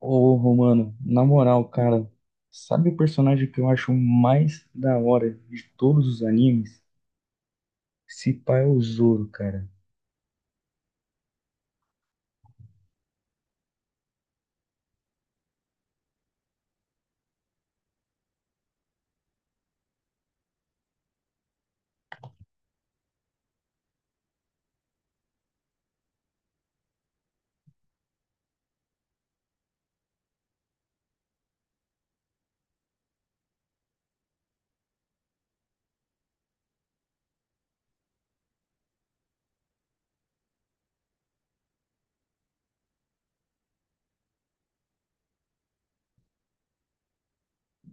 Ô, Romano, na moral, cara, sabe o personagem que eu acho mais da hora de todos os animes? Se pá é o Zoro, cara.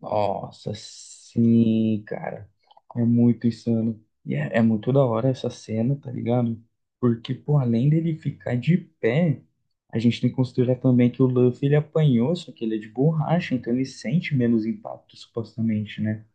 Nossa, sim, cara. É muito insano. E é muito da hora essa cena, tá ligado? Porque, pô, além dele ficar de pé, a gente tem que considerar também que o Luffy ele apanhou, só que ele é de borracha, então ele sente menos impacto, supostamente, né?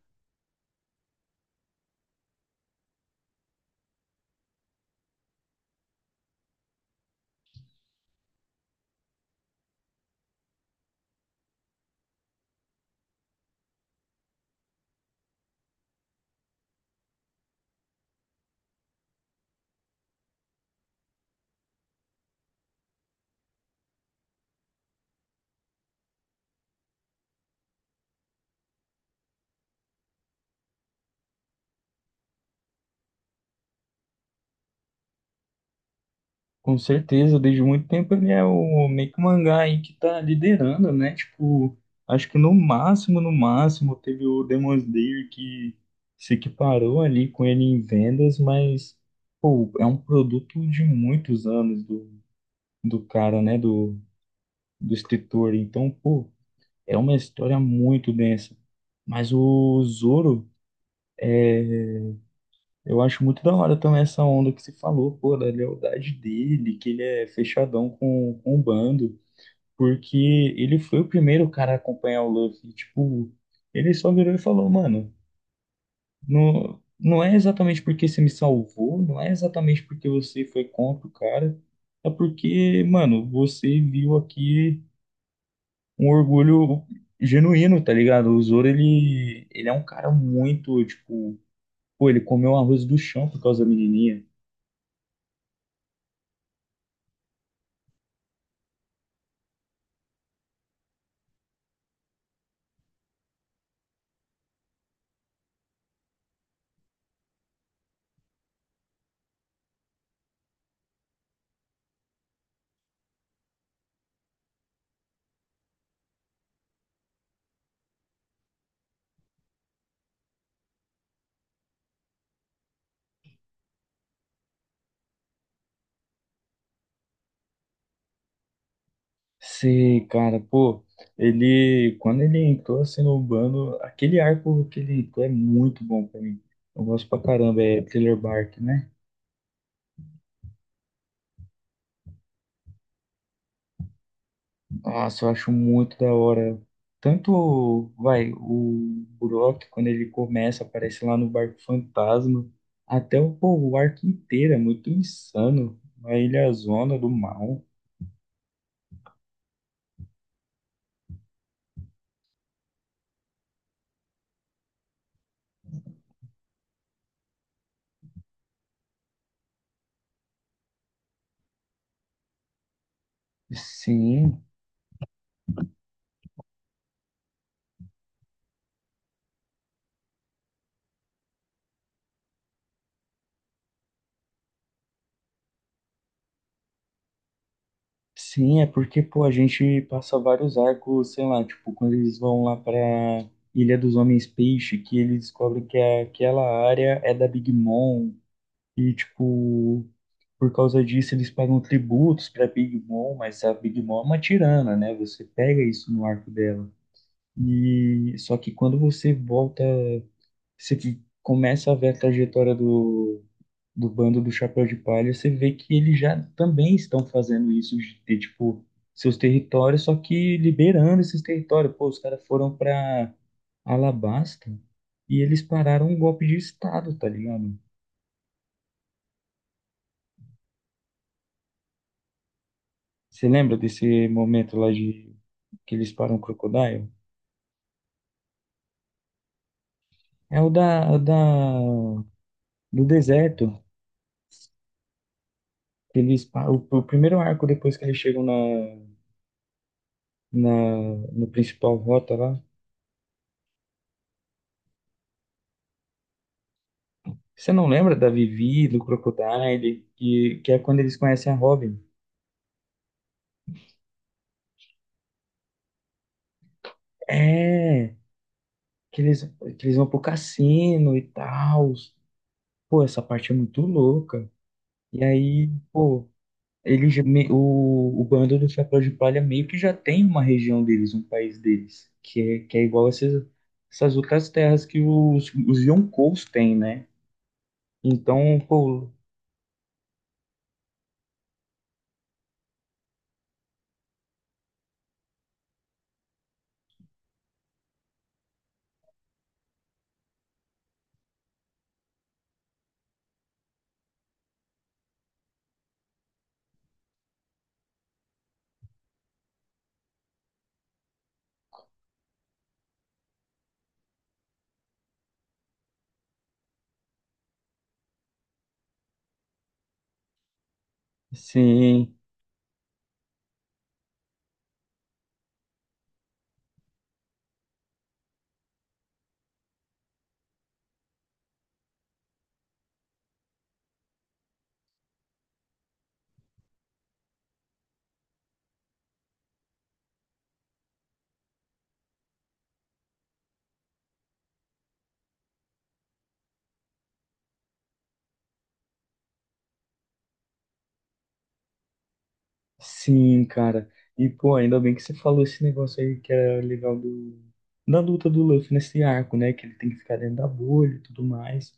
Com certeza, desde muito tempo ele é o meio que o mangá aí que tá liderando, né? Tipo, acho que no máximo, no máximo, teve o Demon Slayer que se equiparou ali com ele em vendas, mas, pô, é um produto de muitos anos do cara, né? Do escritor. Então, pô, é uma história muito densa. Mas o Zoro, eu acho muito da hora também essa onda que se falou, pô, da lealdade dele, que ele é fechadão com o bando. Porque ele foi o primeiro cara a acompanhar o Luffy. Tipo, ele só virou e falou, mano, não, não é exatamente porque você me salvou, não é exatamente porque você foi contra o cara, é porque, mano, você viu aqui um orgulho genuíno, tá ligado? O Zoro, ele é um cara muito, tipo, pô, ele comeu arroz do chão por causa da menininha. Sei, cara, pô, ele, quando ele entrou assim no Urbano, aquele arco que ele entrou é muito bom pra mim. Eu gosto pra caramba, é Thriller Bark, né? Nossa, eu acho muito da hora. Tanto, vai, o Brock, quando ele começa, aparece lá no barco fantasma, até o, pô, o arco inteiro é muito insano. A Ilha Zona do Mal. Sim. Sim, é porque, pô, a gente passa vários arcos, sei lá, tipo, quando eles vão lá pra Ilha dos Homens Peixe, que eles descobrem que é, aquela área é da Big Mom, e, tipo, por causa disso eles pagam tributos pra Big Mom, mas a Big Mom é uma tirana, né? Você pega isso no arco dela. E só que quando você volta, você que começa a ver a trajetória do do bando do Chapéu de Palha, você vê que eles já também estão fazendo isso de ter, tipo, seus territórios, só que liberando esses territórios. Pô, os caras foram pra Alabasta e eles pararam um golpe de Estado, tá ligado? Você lembra desse momento lá de que eles param o Crocodile? É o da do deserto. Que eles, o primeiro arco depois que eles chegam na, na, no principal rota lá, você não lembra da Vivi, do Crocodile, que é quando eles conhecem a Robin? É, que eles, que eles vão pro cassino e tal. Pô, essa parte é muito louca. E aí, pô, ele, o bando do Chapéu de Palha meio que já tem uma região deles, um país deles, que é igual essas, essas outras terras que os Yonkous têm, né? Então, pô, sim. Sim, cara. E, pô, ainda bem que você falou esse negócio aí que é legal do, da luta do Luffy nesse arco, né? Que ele tem que ficar dentro da bolha e tudo mais.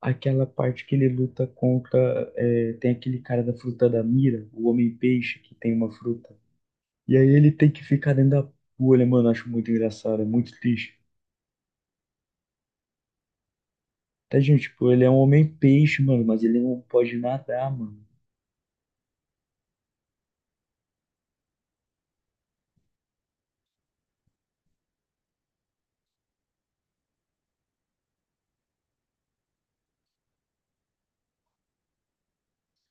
Aquela parte que ele luta contra. É, tem aquele cara da fruta da mira, o Homem-Peixe, que tem uma fruta. E aí ele tem que ficar dentro da bolha, mano. Eu acho muito engraçado, é muito triste. Tá, gente, pô, ele é um Homem-Peixe, mano, mas ele não pode nadar, mano.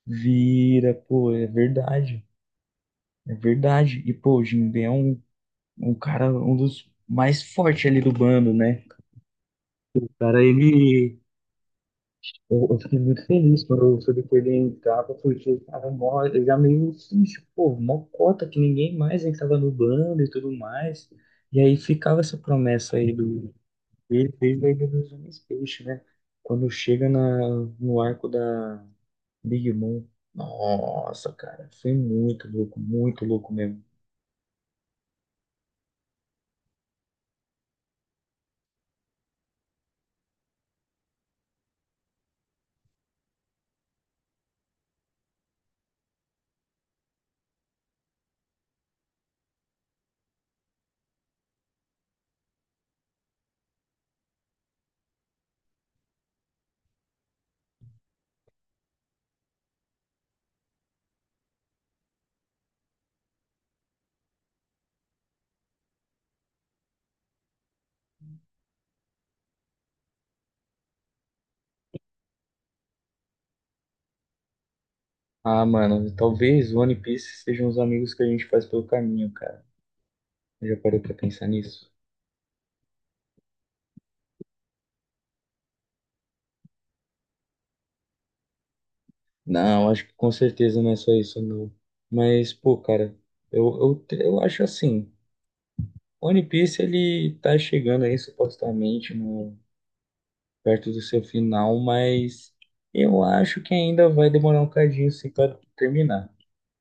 Vira, pô, é verdade. É verdade. E, pô, o Jinbe é um um cara, um dos mais fortes ali do bando, né? Cara, ele. Eu fiquei muito feliz quando eu soube que ele entrava, porque ele tava mó, eu já meio fixe, pô, mó cota que ninguém mais entrava no bando e tudo mais. E aí ficava essa promessa aí do. Ele fez a Ilha dos Homens Peixe, né? Quando chega na, no arco da Big Mom. Nossa, cara, foi muito louco mesmo. Ah, mano, talvez One Piece sejam os amigos que a gente faz pelo caminho, cara. Já parou pra pensar nisso? Não, acho que com certeza não é só isso, não. Mas, pô, cara, eu acho assim, One Piece ele tá chegando aí supostamente no perto do seu final, mas eu acho que ainda vai demorar um cadinho assim para terminar.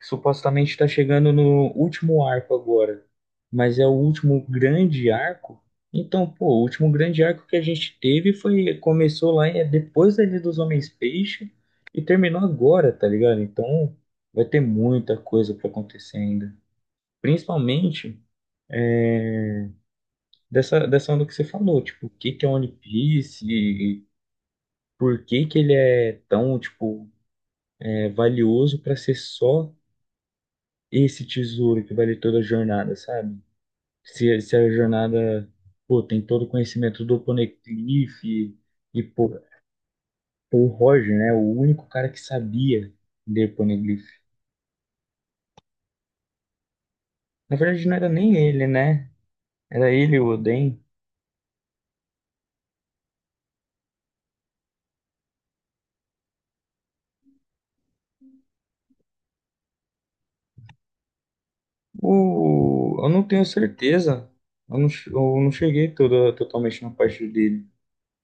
Supostamente está chegando no último arco agora, mas é o último grande arco. Então, pô, o último grande arco que a gente teve foi começou lá é, depois da dos Homens-Peixe e terminou agora, tá ligado? Então, vai ter muita coisa para acontecer ainda. Principalmente é, dessa onda que você falou, tipo, o que que é One Piece, por que que ele é tão, tipo, é, valioso para ser só esse tesouro que vale toda a jornada, sabe? Se a jornada, pô, tem todo o conhecimento do Poneglyph e pô, o Roger, né? O único cara que sabia de Poneglyph. Na verdade, não era nem ele, né? Era ele, o Oden. O, eu não tenho certeza. Eu não, eu não cheguei toda, totalmente na parte dele.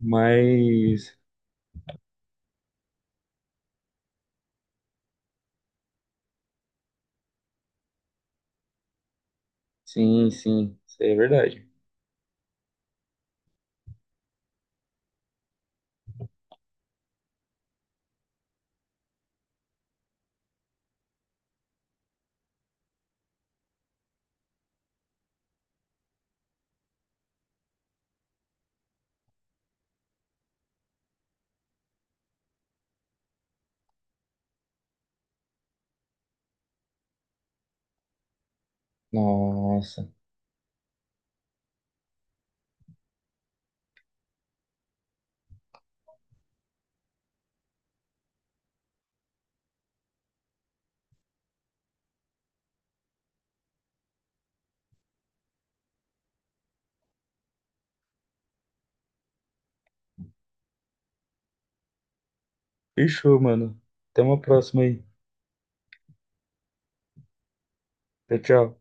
Mas, sim, sim, isso aí é verdade. Nossa. Fechou, mano. Até uma próxima aí. Tchau, tchau.